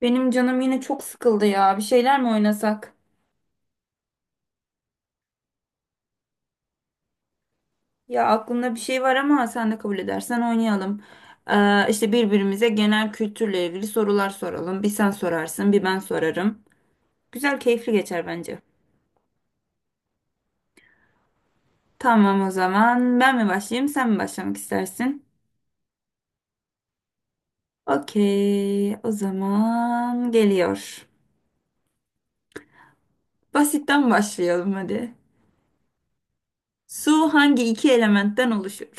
Benim canım yine çok sıkıldı ya. Bir şeyler mi oynasak? Ya aklımda bir şey var ama sen de kabul edersen oynayalım. İşte birbirimize genel kültürle ilgili sorular soralım. Bir sen sorarsın, bir ben sorarım. Güzel, keyifli geçer bence. Tamam o zaman. Ben mi başlayayım, sen mi başlamak istersin? Okey, o zaman geliyor. Basitten başlayalım hadi. Su hangi iki elementten oluşur?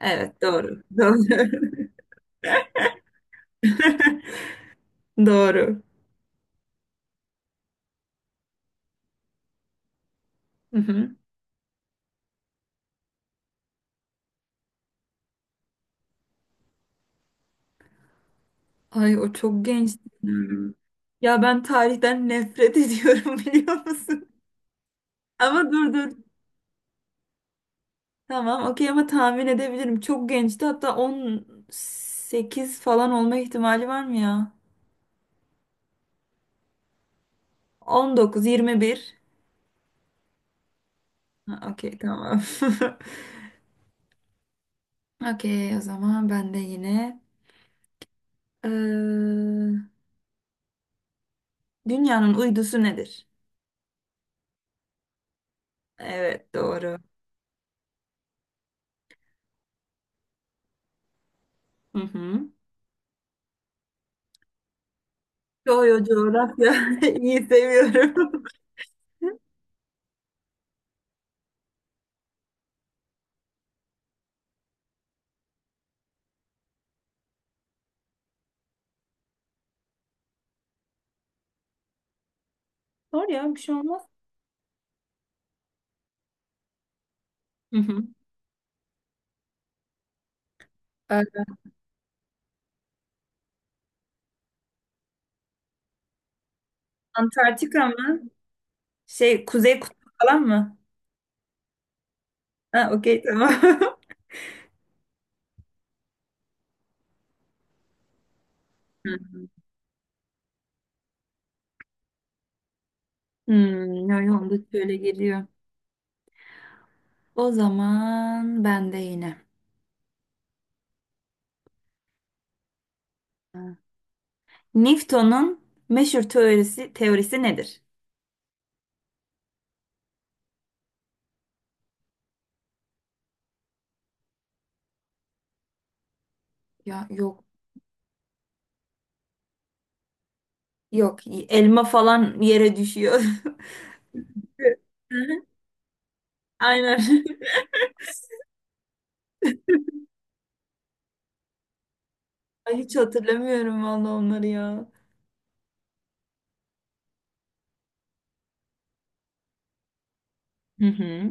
Evet, doğru. Doğru. Doğru. Hı hı. Ay o çok genç. Hmm. Ya ben tarihten nefret ediyorum biliyor musun? Ama dur dur. Tamam okey ama tahmin edebilirim. Çok gençti, hatta 18 falan olma ihtimali var mı ya? 19, 21. Ha, okey tamam. Okey, o zaman ben de yine. Ee, dünyanın uydusu nedir? Evet, doğru. Hı hı. Coğrafya. İyi, seviyorum. Hı. Sor ya, bir şey olmaz. Hı hı. Ee, Antarktika mı? Şey, Kuzey Kutbu falan mı? Ha, okey tamam. Hı. Ya yolda şöyle geliyor. O zaman ben de yine. Ha. Newton'un meşhur teorisi nedir? Ya yok. Yok, elma falan yere düşüyor. Aynen. Ay, hiç hatırlamıyorum valla onları ya. Hı hı.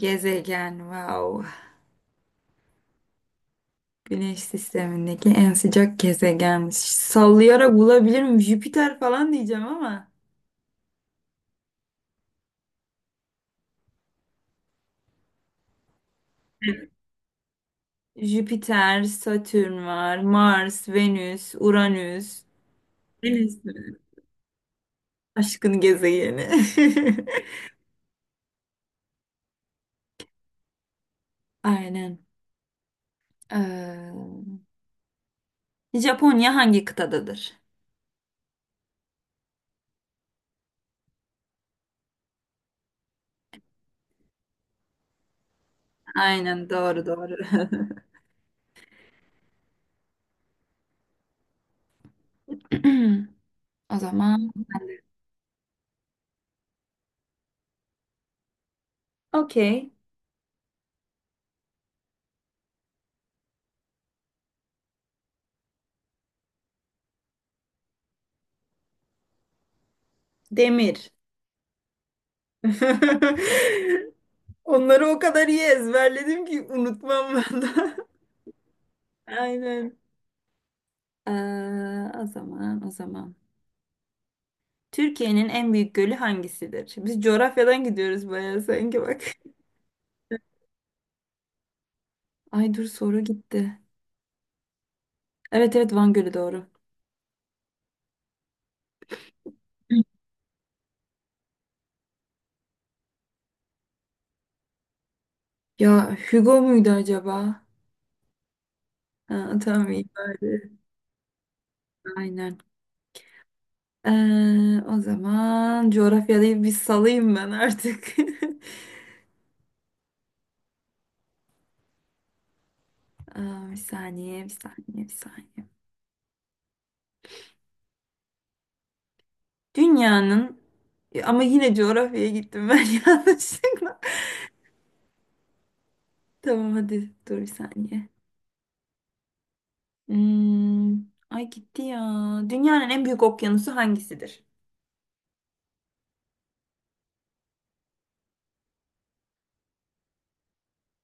Gezegen, wow. Güneş sistemindeki en sıcak gezegenmiş. Sallayarak bulabilirim. Jüpiter falan diyeceğim ama. Jüpiter, Satürn var, Mars, Venüs, Uranüs. Venüs mü? Aşkın gezegeni. Aynen. Ee, Japonya hangi kıtadadır? Aynen, doğru doğru. O zaman okey. Demir. Onları o kadar iyi ezberledim ki unutmam ben de. Aynen. Ee, o zaman, o zaman. Türkiye'nin en büyük gölü hangisidir? Biz coğrafyadan gidiyoruz bayağı sanki bak. Ay dur, soru gitti. Evet evet, Van Gölü doğru. Ya Hugo muydu acaba? Ha, tamam, iyi bari. Aynen. O zaman coğrafyayı bir salayım ben artık. Aa, bir saniye, bir saniye, bir saniye. Dünyanın ama yine coğrafyaya gittim ben yanlışlıkla. Tamam hadi, dur bir saniye. Hmm, ay gitti ya. Dünyanın en büyük okyanusu hangisidir?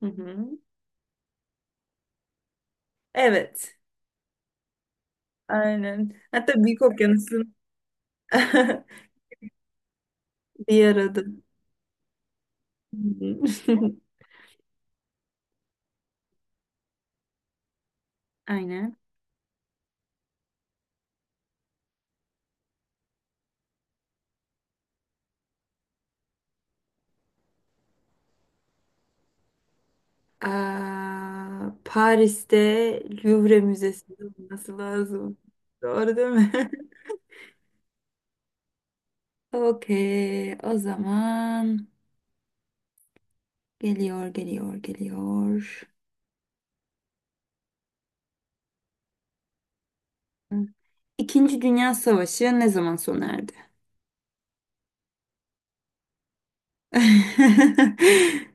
Hı hı. Evet. Aynen. Hatta büyük okyanusun bir arada. Hı hı. Aynen. Aa, Paris'te Louvre Müzesi olması lazım. Doğru değil mi? Okey, o zaman geliyor, geliyor, geliyor. İkinci Dünya Savaşı ne zaman sona erdi?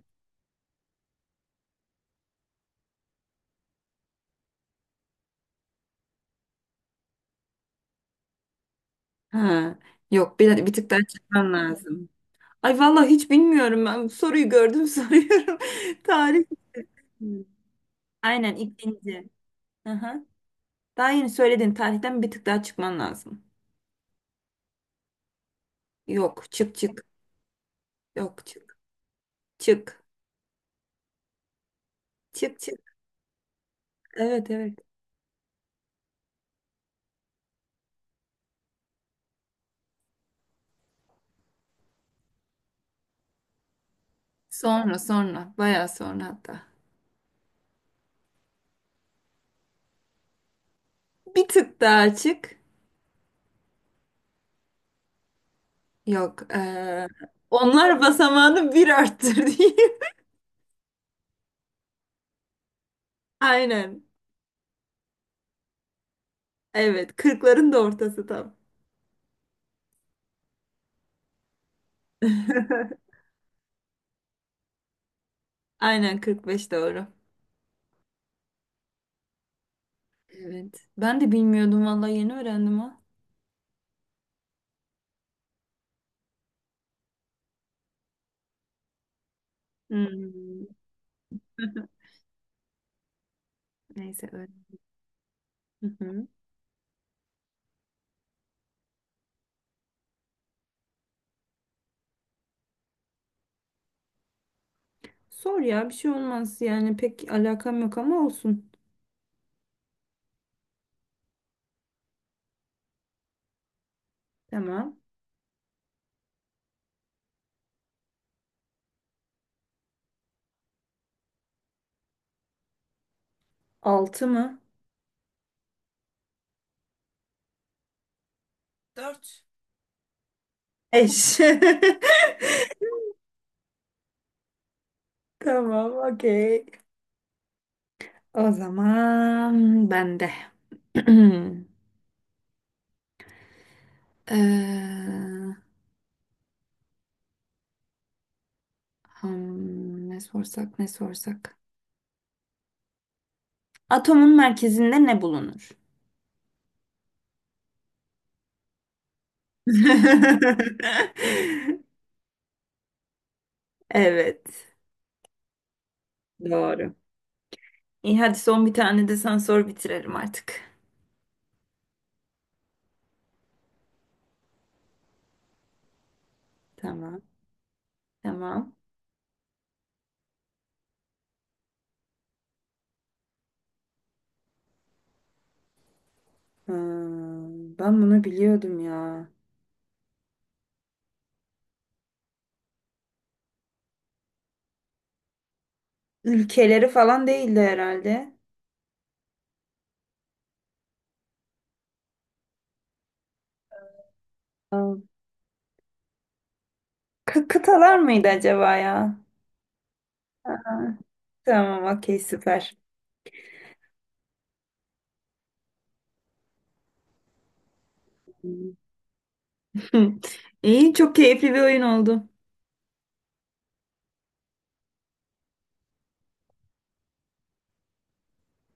Ha, yok, bir tık daha çıkman lazım. Ay vallahi hiç bilmiyorum ben. Soruyu gördüm, soruyorum. Tarih. Hmm. Aynen, ikinci. Aha. Daha yeni söylediğin tarihten bir tık daha çıkman lazım. Yok, çık çık. Yok, çık. Çık. Çık çık. Evet evet. Sonra sonra. Bayağı sonra hatta. Bir tık daha açık. Yok. Onlar basamağını bir arttır diyeyim. Aynen. Evet. Kırkların da ortası tam. Aynen, 45 doğru. Evet. Ben de bilmiyordum vallahi, yeni öğrendim ha. Hmm. Neyse, öyle. Hı hı. Sor ya, bir şey olmaz yani, pek alakam yok ama olsun. Tamam. Altı mı? Dört. Eş. Tamam, okey. O zaman ben de. Ee, ne sorsak ne sorsak. Atomun merkezinde ne bulunur? Evet. Doğru. İyi hadi, son bir tane de sen sor, bitirelim artık. Tamam. Tamam. Ben bunu biliyordum ya. Ülkeleri falan değildi herhalde. Aa, Kıtalar mıydı acaba ya? Aa, tamam, okey, süper. İyi, çok keyifli bir oyun oldu.